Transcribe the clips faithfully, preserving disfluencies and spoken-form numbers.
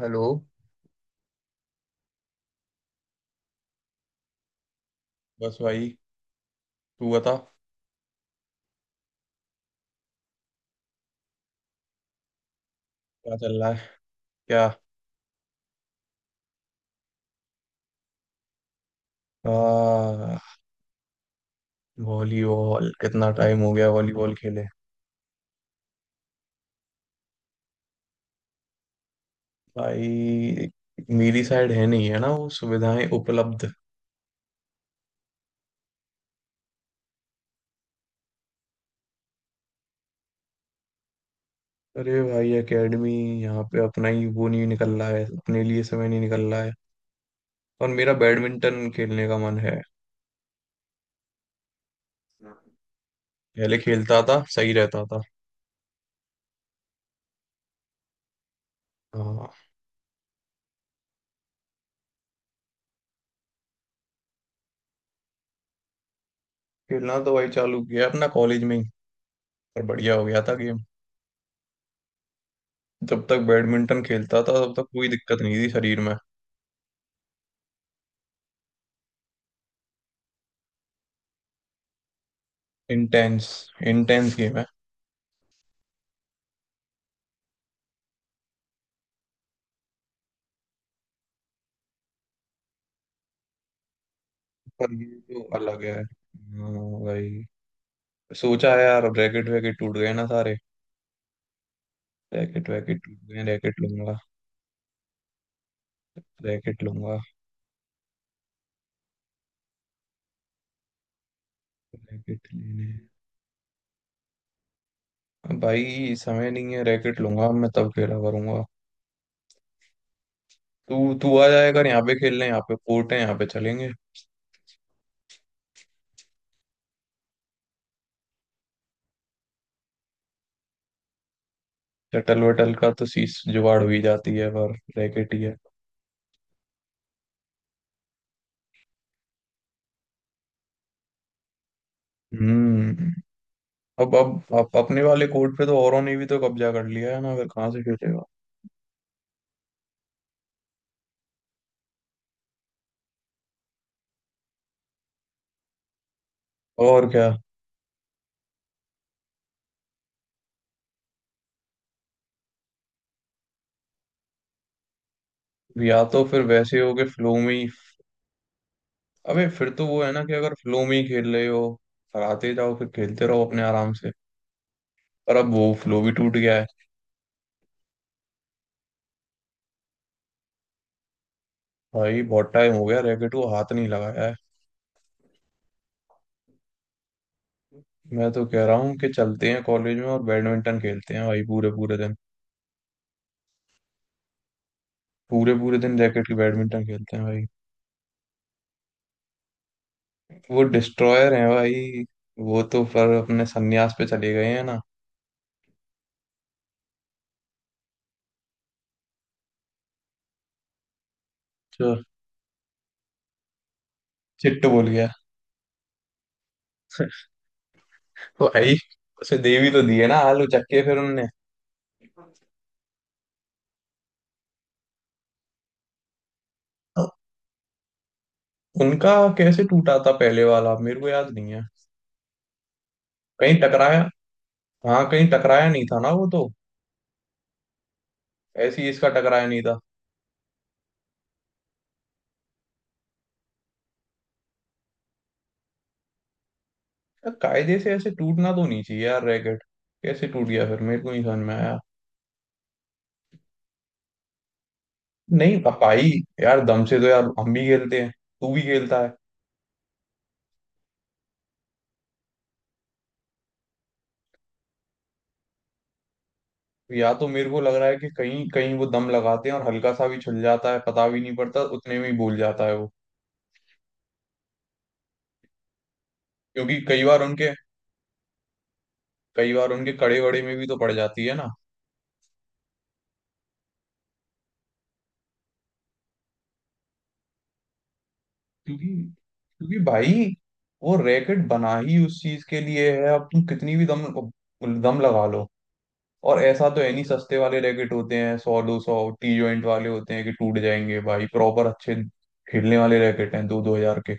Hello. बस भाई, तू बता क्या चल रहा है। क्या? आ, वॉलीबॉल कितना टाइम हो गया वॉलीबॉल खेले। भाई, मेरी साइड है नहीं, है ना वो सुविधाएं उपलब्ध। अरे भाई, एकेडमी यहाँ पे अपना ही वो नहीं निकल रहा है, अपने लिए समय नहीं निकल रहा है। और मेरा बैडमिंटन खेलने का मन है। पहले खेलता था, सही रहता था। हाँ। खेलना तो भाई चालू किया अपना कॉलेज में ही, और बढ़िया हो गया था गेम। जब तक बैडमिंटन खेलता था तब तक कोई दिक्कत नहीं थी शरीर में। इंटेंस। इंटेंस गेम है। पर ये तो अलग है, हाँ। भाई, सोचा है यार, रैकेट वैकेट टूट गए ना सारे। रैकेट वैकेट टूट गए, रैकेट लूंगा। रैकेट लूंगा, रैकेट लेने। अब भाई समय नहीं है, रैकेट लूंगा, अब मैं तब खेला करूंगा। तू तू आ जाएगा यहाँ पे खेलने, यहाँ पे कोर्ट है, यहाँ पे चलेंगे। शटल वटल का तो शीश जुगाड़ हुई जाती है, पर रैकेट ही है। हम्म। अब अब अब अपने वाले कोर्ट पे तो औरों ने भी तो कब्जा कर लिया है ना, फिर कहाँ से खेलेगा। और क्या। या तो फिर वैसे हो गए फ्लो में ही। अबे फिर तो वो है ना, कि अगर फ्लो में ही खेल रहे हो, हराते जाओ, फिर खेलते रहो अपने आराम से। पर अब वो फ्लो भी टूट गया है। भाई बहुत टाइम हो गया रैकेट को हाथ नहीं लगाया है। मैं तो कह रहा हूँ कि चलते हैं कॉलेज में और बैडमिंटन खेलते हैं भाई पूरे पूरे दिन। पूरे पूरे दिन रैकेट की बैडमिंटन खेलते हैं भाई। वो डिस्ट्रॉयर है भाई। वो तो पर अपने संन्यास पे चले गए हैं ना। जो चिट्टू बोल गया। तो भाई, उसे देवी तो दी है ना आलू चक्के फिर उनने। उनका कैसे टूटा था पहले वाला मेरे को याद नहीं है। कहीं टकराया? हाँ कहीं टकराया नहीं था ना वो तो। ऐसे ही इसका, टकराया नहीं था। यार, कायदे से ऐसे टूटना तो नहीं चाहिए यार रैकेट। कैसे टूट गया फिर मेरे को नहीं समझ में आया। नहीं अब भाई, यार दम से तो यार हम भी खेलते हैं, तू भी खेलता है। या तो मेरे को लग रहा है कि कहीं कहीं वो दम लगाते हैं और हल्का सा भी छुल जाता है, पता भी नहीं पड़ता, उतने में ही भूल जाता है वो। क्योंकि कई बार उनके कई बार उनके कड़े वड़े में भी तो पड़ जाती है ना। क्योंकि क्योंकि भाई, वो रैकेट बना ही उस चीज के लिए है। अब तुम कितनी भी दम दम लगा लो, और ऐसा तो है नहीं, सस्ते वाले रैकेट होते हैं सौ दो सौ, टी जॉइंट वाले होते हैं कि टूट जाएंगे भाई। प्रॉपर अच्छे खेलने वाले रैकेट हैं दो दो हजार के।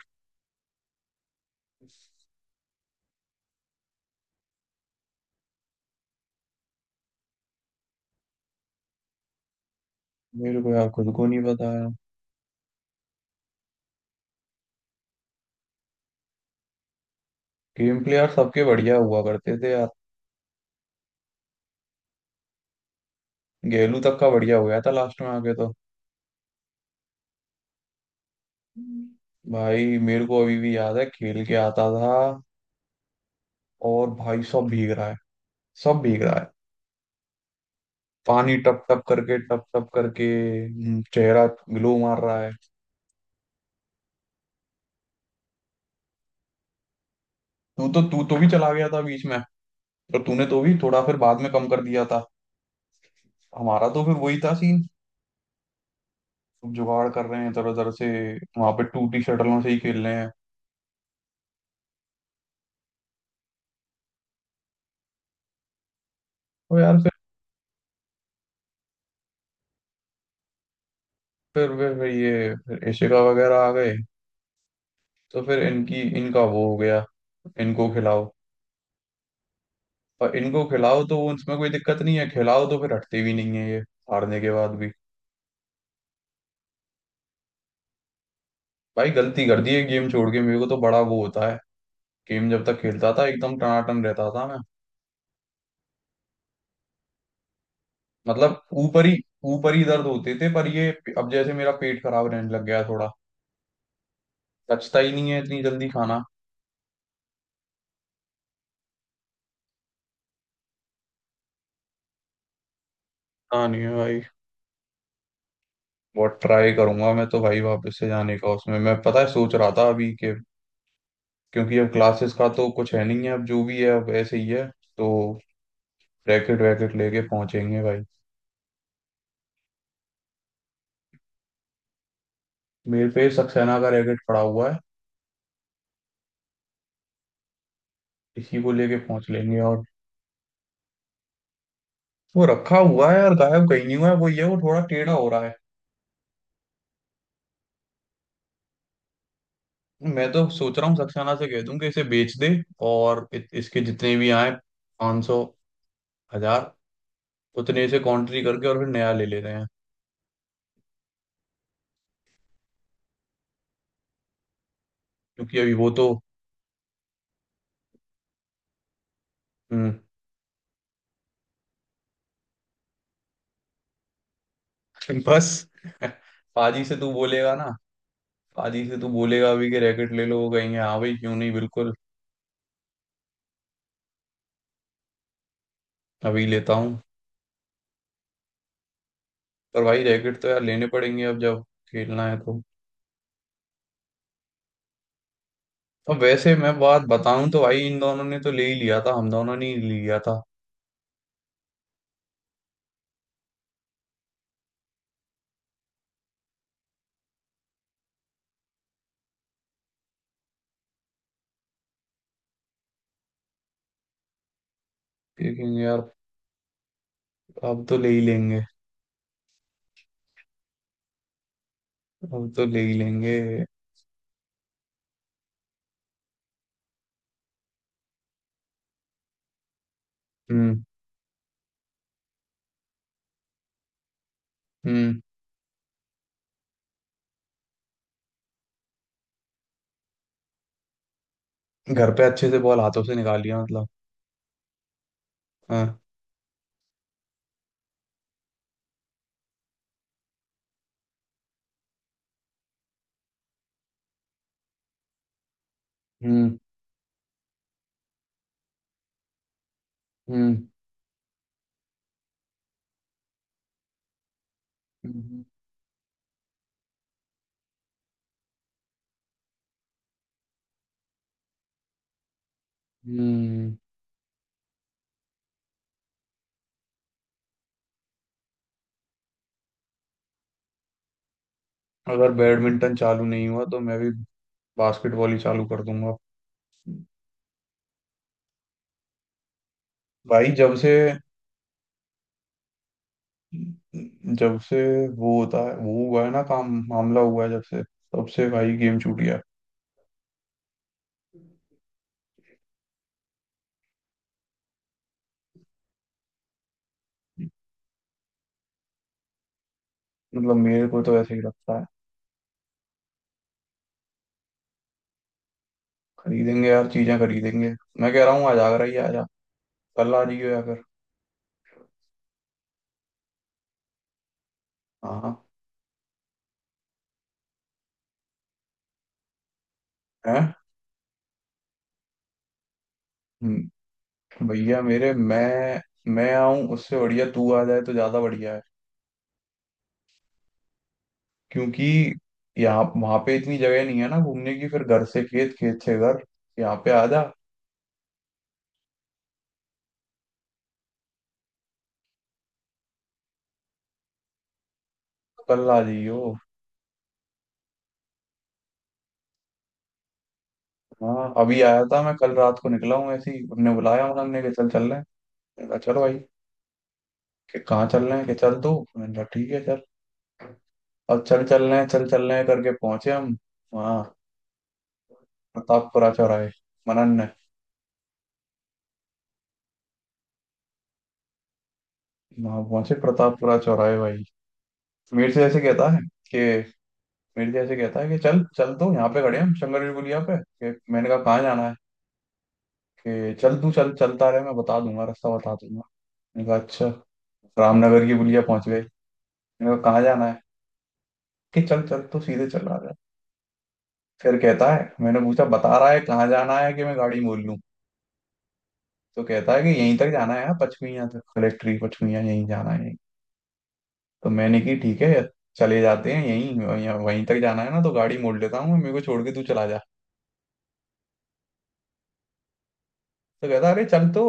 मेरे को यार खुद को नहीं पता है। गेम प्ले यार सबके बढ़िया हुआ करते थे यार। गेलू तक का बढ़िया हो गया था लास्ट में आके तो। भाई मेरे को अभी भी याद है खेल के आता था और भाई सब भीग रहा है। सब भीग रहा है। पानी टप टप करके, टप टप करके। हम्म, चेहरा ग्लो मार रहा है। तू तो, तू तो भी चला गया था बीच में, और तूने तो भी थोड़ा फिर बाद में कम कर दिया था। हमारा तो फिर वही था सीन, जुगाड़ कर रहे हैं तरह तरह से, वहां पे टूटी शटलों से ही खेल रहे हैं। तो यार फिर, फिर फिर, फिर ये फिर एशिका वगैरह आ गए, तो फिर इनकी इनका वो हो गया। इनको खिलाओ और इनको खिलाओ, तो उसमें कोई दिक्कत नहीं है, खिलाओ तो फिर हटते भी नहीं है ये हारने के बाद भी। भाई गलती कर दी है गेम छोड़ के, मेरे को तो बड़ा वो होता है। गेम जब तक खेलता था एकदम टनाटन रहता था मैं। मतलब ऊपर ही ऊपर ही दर्द होते थे, पर ये अब जैसे मेरा पेट खराब रहने लग गया है थोड़ा, पचता ही नहीं है इतनी जल्दी खाना। हाँ नहीं है भाई, बहुत ट्राई करूंगा मैं तो भाई वापस से जाने का, उसमें मैं पता है सोच रहा था अभी कि क्योंकि अब क्लासेस का तो कुछ है नहीं है, अब जो भी है अब ऐसे ही है। तो रैकेट वैकेट लेके पहुंचेंगे भाई। मेरे पे सक्सेना का रैकेट पड़ा हुआ है, इसी को लेके पहुंच लेंगे। और वो रखा हुआ है यार, गायब कहीं नहीं हुआ है वो, ये वो थोड़ा टेढ़ा हो रहा है। मैं तो सोच रहा हूँ सक्सेना से कह दूं कि इसे बेच दे, और इत, इसके जितने भी आए पाँच सौ हजार, उतने इसे कॉन्ट्री करके और फिर नया ले लेते हैं। क्योंकि अभी वो तो। हम्म। बस। पाजी से तू बोलेगा ना। पाजी से तू बोलेगा अभी कि रैकेट ले लो, वो कहेंगे हाँ भाई क्यों नहीं बिल्कुल अभी लेता हूँ। पर भाई रैकेट तो यार लेने पड़ेंगे अब, जब खेलना है तो। अब वैसे मैं बात बताऊं तो भाई इन दोनों ने तो ले ही लिया था, हम दोनों ने ही लिया था। लेकिन यार अब तो ले ही लेंगे। अब तो ले ही लेंगे। हम्म। हम्म। घर पे अच्छे से बॉल हाथों से निकाल लिया मतलब। हाँ। हम्म। हम्म। हम्म। हम्म। अगर बैडमिंटन चालू नहीं हुआ तो मैं भी बास्केटबॉल ही चालू कर दूंगा। भाई जब से जब से वो होता है, वो हुआ है ना काम मामला, हुआ है जब से तब से भाई गेम छूट गया। मतलब मेरे को तो ऐसे ही लगता है। खरीदेंगे यार चीजें खरीदेंगे। मैं कह रहा हूँ आज आगरा ही आ जा, कल आ जाइयो अगर। हाँ, है। भैया मेरे, मैं मैं आऊं उससे बढ़िया तू आ जाए तो ज्यादा बढ़िया है। क्योंकि यहाँ वहां पे इतनी जगह नहीं है ना घूमने की, फिर घर से खेत, खेत से घर। यहाँ पे आ जा। कल आ जाइयो। हाँ अभी आया था मैं, कल रात को निकला हूँ ऐसे ही उन्होंने बुलाया, उन्होंने कि चल चल रहे हैं। मैंने कहा चलो भाई। कि कहाँ चल रहे हैं, कि चल तू, मैंने कहा ठीक है चल। अब चल चल रहे हैं, चल चल रहे हैं करके पहुंचे हम वहाँ, प्रतापपुरा चौराहे, मनन ने। वहाँ पहुंचे प्रतापपुरा चौराहे भाई, मेरे से ऐसे कहता है कि, मेरे जैसे कहता है कि, चल चल तो यहाँ पे खड़े हैं हम शंकर जी पुलिया पे, कि मैंने कहा कहाँ जाना है। कि चल तू चल चलता रहे, मैं बता दूंगा, रास्ता बता दूंगा। मैंने कहा अच्छा। रामनगर की पुलिया पहुंच गए, मैंने कहा कहाँ जाना है। कि चल चल तो सीधे चला रहा है। फिर कहता है, मैंने पूछा बता रहा है कहाँ जाना है कि मैं गाड़ी मोड़ लूँ। तो कहता है कि यहीं तक जाना है यार, पचमिया तक, कलेक्ट्री पचमिया, यहीं जाना है यहीं। तो मैंने की ठीक है, चले जाते हैं यहीं, वहीं वहीं तक जाना है ना तो गाड़ी मोड़ लेता हूँ, मेरे को छोड़ के तू चला जा। तो कहता अरे चल तो,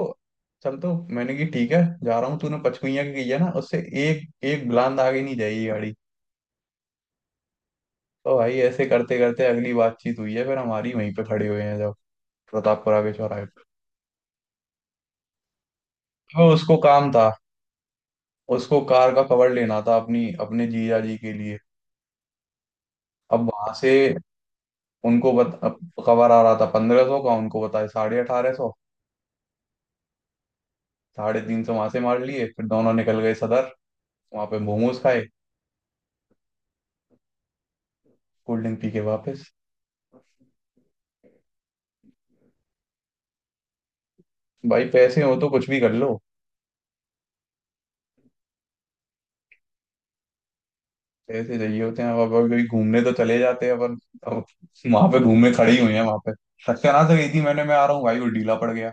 चल तो, मैंने कि ठीक है। जा रहा हूँ, तूने पचकुइयाँ की की है ना, उससे एक एक बुलंद आगे नहीं जाएगी गाड़ी। तो भाई ऐसे करते करते अगली बातचीत हुई है फिर हमारी, वहीं पे खड़े हुए हैं जब प्रतापपुरा के चौराहे पे। अब उसको काम था, उसको कार का कवर लेना था, अपनी अपने जीजा जी के लिए। अब वहां से उनको बत, अब कवर आ रहा था पंद्रह सौ का, उनको बताया साढ़े अठारह सौ। साढ़े तीन सौ वहां से मार लिए, फिर दोनों निकल गए सदर। वहां पे मोमोज खाए, कोल्ड ड्रिंक पी के वापस। भाई पैसे हो तो कुछ भी कर लो। पैसे चाहिए होते हैं, अब अभी कहीं घूमने तो चले जाते हैं अपन। अब वहां पे घूमने खड़ी हुई है, वहां पे सत्यानाश गई थी, मैंने, मैं आ रहा हूँ भाई, वो ढीला पड़ गया।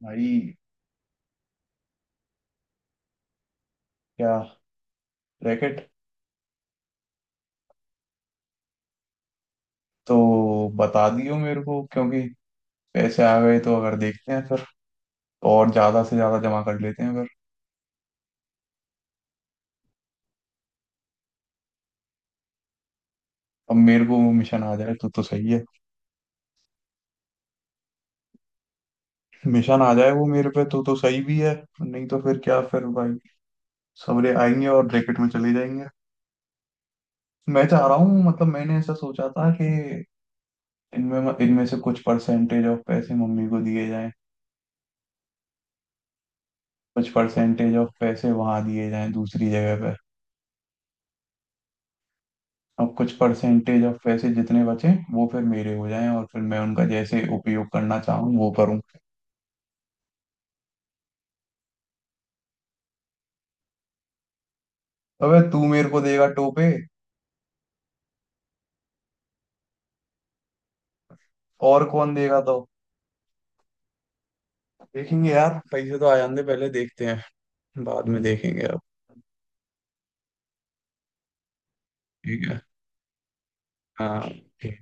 भाई। क्या? रैकेट। तो बता दियो मेरे को, क्योंकि पैसे आ गए तो अगर देखते हैं फिर, और ज्यादा से ज्यादा जमा कर लेते हैं अगर। अब मेरे को वो मिशन आ जाए तो तो सही है। मिशन आ जाए वो मेरे पे तो तो सही भी है। नहीं तो फिर क्या फिर भाई सबरे आएंगे और रैकेट में चले जाएंगे। मैं चाह रहा हूँ, मतलब मैंने ऐसा सोचा था कि इनमें इनमें से कुछ परसेंटेज ऑफ पैसे मम्मी को दिए जाएं, कुछ परसेंटेज ऑफ पैसे वहां दिए जाएं दूसरी जगह पर, और कुछ परसेंटेज ऑफ पैसे जितने बचे वो फिर मेरे हो जाएं, और फिर मैं उनका जैसे उपयोग करना चाहूँ वो करूँ। अबे तू मेरे को देगा टोपे। और कौन देगा तो। देखेंगे यार, पैसे तो आ जाने दे, पहले देखते हैं, बाद में देखेंगे अब। ठीक है। हाँ ठीक।